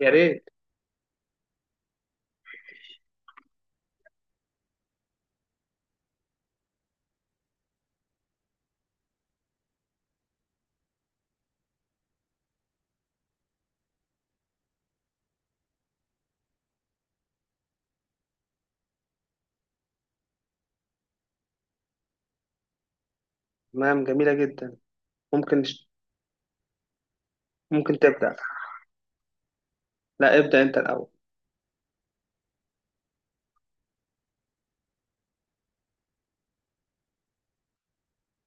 يا ريت. نعم، جميلة جدا. ممكن ممكن تبدأ. لا، ابدأ أنت الأول.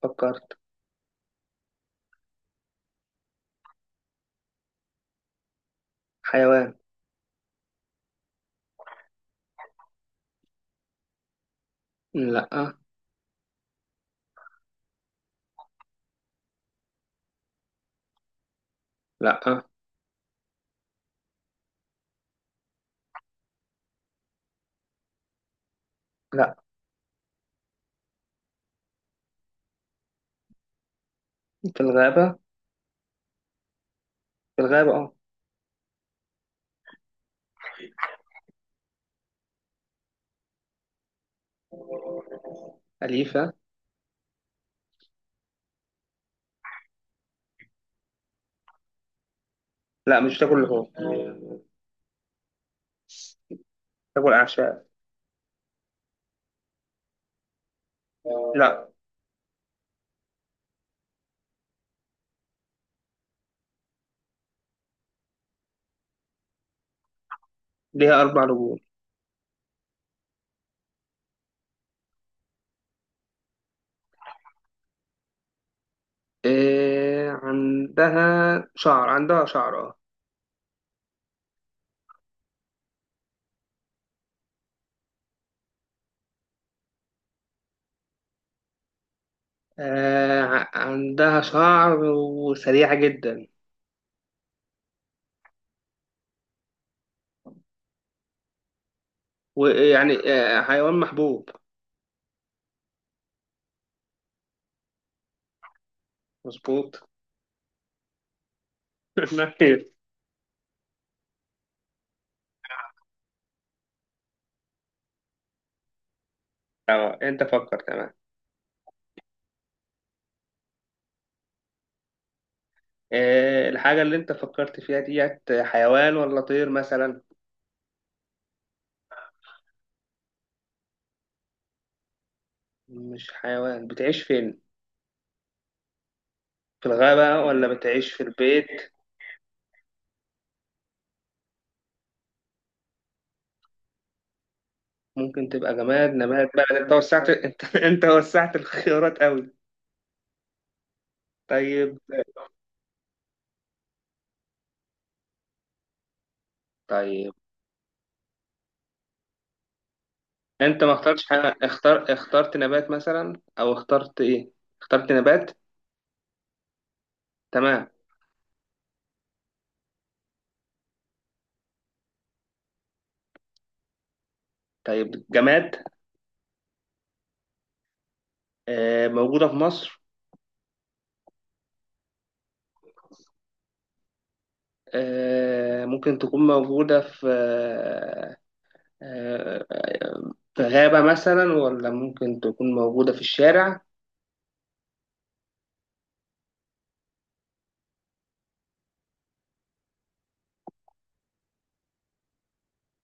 فكرت. حيوان. لا. لا. لا. في الغابة. في الغابة اه. أليفة. لا، مش تاكل لحوم. تاكل أعشاب. لا. ليها أربع رجول. إيه عندها. شعر، عندها شعر اه. عندها شعر وسريعة جدا. ويعني حيوان محبوب. مظبوط. نعم. اه، انت فكر. تمام. الحاجة اللي أنت فكرت فيها ديت حيوان ولا طير مثلا؟ مش حيوان. بتعيش فين؟ في الغابة ولا بتعيش في البيت؟ ممكن تبقى جماد، نبات بقى؟ أنت وسعت. أنت وسعت الخيارات أوي. طيب. طيب. أنت ما اخترتش حاجة. اخترت نبات مثلا أو اخترت إيه؟ اخترت نبات. تمام. طيب، جماد. موجودة في مصر. ممكن تكون موجودة في في غابة مثلا، ولا ممكن تكون موجودة في الشارع؟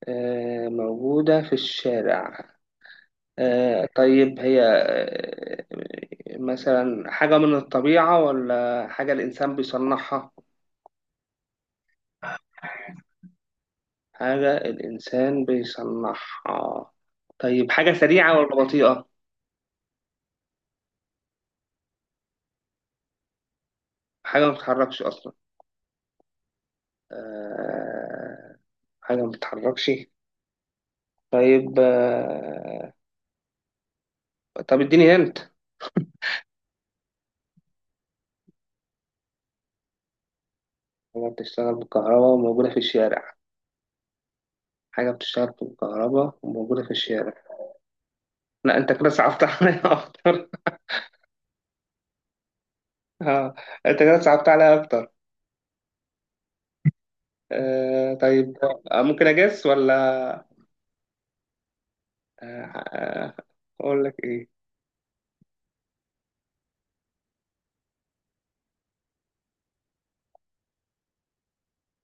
موجودة في الشارع. طيب، هي مثلا حاجة من الطبيعة ولا حاجة الإنسان بيصنعها؟ حاجة الإنسان بيصنعها. طيب، حاجة سريعة ولا بطيئة؟ حاجة ما بتتحركش أصلا. آه، حاجة ما بتتحركش. طيب. طب اديني هنت. حاجة بتشتغل بالكهرباء وموجودة في الشارع. حاجة بتشتغل بالكهرباء وموجودة في الشارع. لا، أنت كده صعبت عليا أكتر. آه. أنت كده صعبت عليا أكتر. طيب. ممكن أجس ولا؟ آه آه، أقول لك إيه.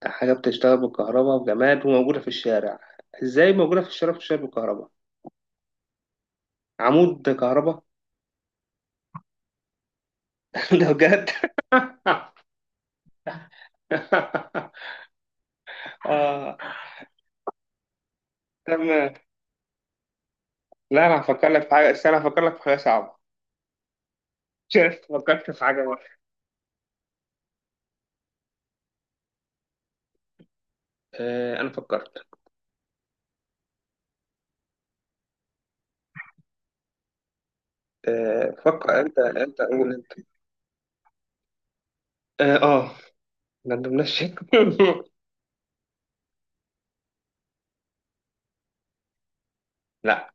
حاجة بتشتغل بالكهرباء وجماد وموجودة في الشارع. إزاي موجودة في الشارع بتشتغل بالكهرباء؟ عمود كهرباء. ده بجد؟ آه تمام. لا، أنا هفكر لك في حاجة. بس أنا هفكر لك في حاجة صعبة. شفت؟ فكرت في حاجة. انا فكرت. فكر انت، انت قول انت. اه، ما ندمناش. لا.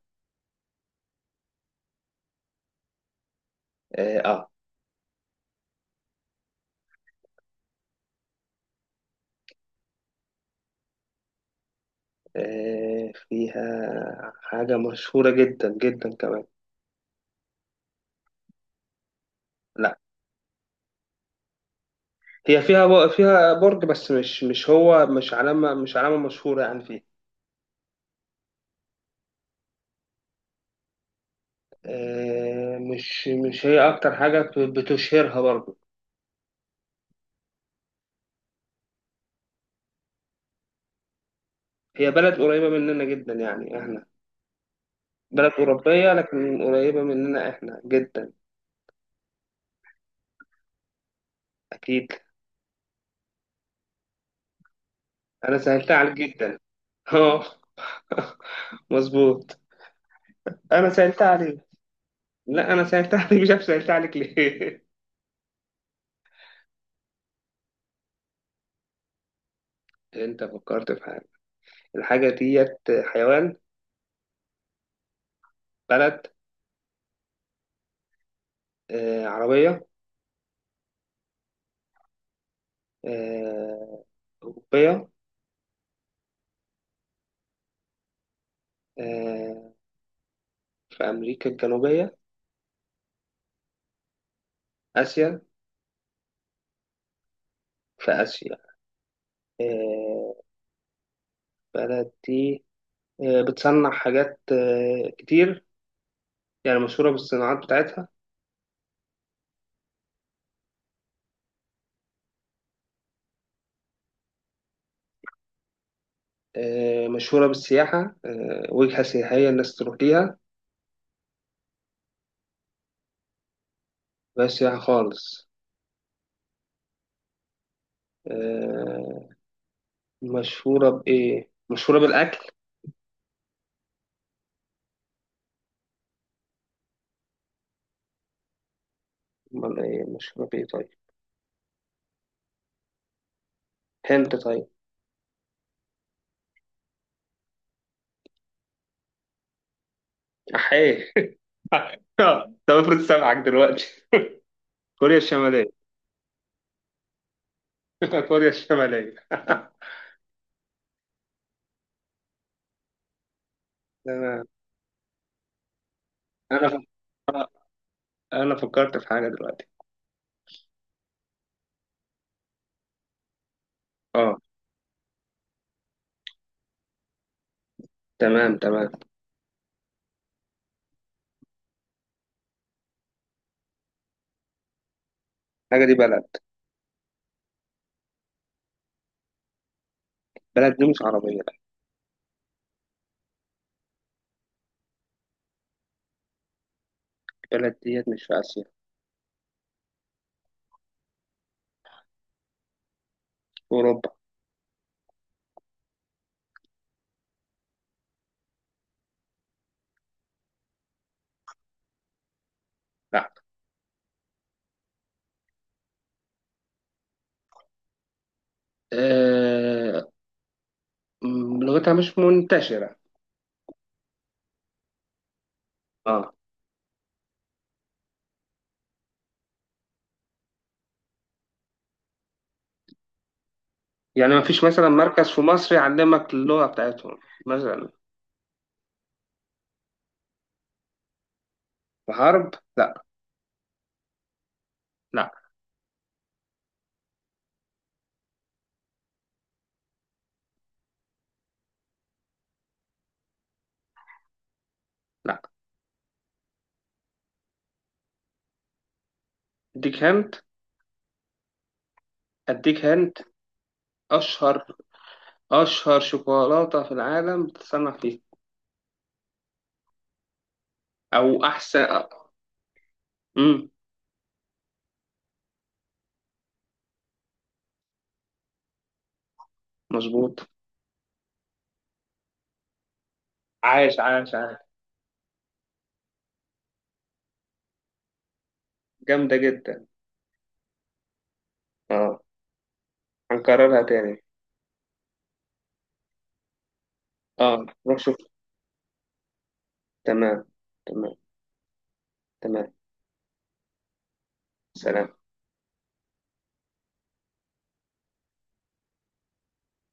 اه. آه. فيها حاجة مشهورة جدا جدا كمان. لا، هي فيها فيها برج، بس مش هو، مش علامة مشهورة يعني فيها. مش هي أكتر حاجة بتشهرها برضه. هي بلد قريبة مننا جدا، يعني احنا بلد أوروبية لكن قريبة مننا احنا جدا. أكيد. أنا سهلتها عليك جدا. مظبوط. انا سألت عليك. لا، انا سألت عليك مش عارف سألت عليك ليه. انت فكرت في حاجة. الحاجة ديت حيوان؟ بلد. عربية؟ آه أوروبية؟ آه في أمريكا الجنوبية؟ آسيا. في آسيا. آه بلد دي بتصنع حاجات كتير، يعني مشهورة بالصناعات بتاعتها. مشهورة بالسياحة، وجهة سياحية الناس تروح ليها. بس سياحة خالص. آه، مشهورة بإيه؟ مشهورة بالأكل؟ أمال إيه مشهورة بإيه طيب؟ هند؟ طيب. أحيه. طب افرض سامعك دلوقتي؟ كوريا الشمالية. كوريا الشمالية. تمام. أنا. فكرت. أنا فكرت في حاجة دلوقتي. أه. تمام. تمام. الحاجة دي بلد. بلد دي مش عربية، لا. بلد ديت مش في آسيا، في أوروبا. لا. أه... لغتها مش منتشرة. أه. يعني مفيش مثلا مركز في مصر يعلمك اللغة بتاعتهم مثلا. في حرب، لا. لا. لا. اديك هنت. اديك هنت. اشهر اشهر شوكولاته في العالم بتتصنع فيه. او احسن. امم مظبوط. عاش عاش عاش. جامده جدا. اه. هنكررها تاني. اه، روح شوف. تمام. تمام. تمام. سلام.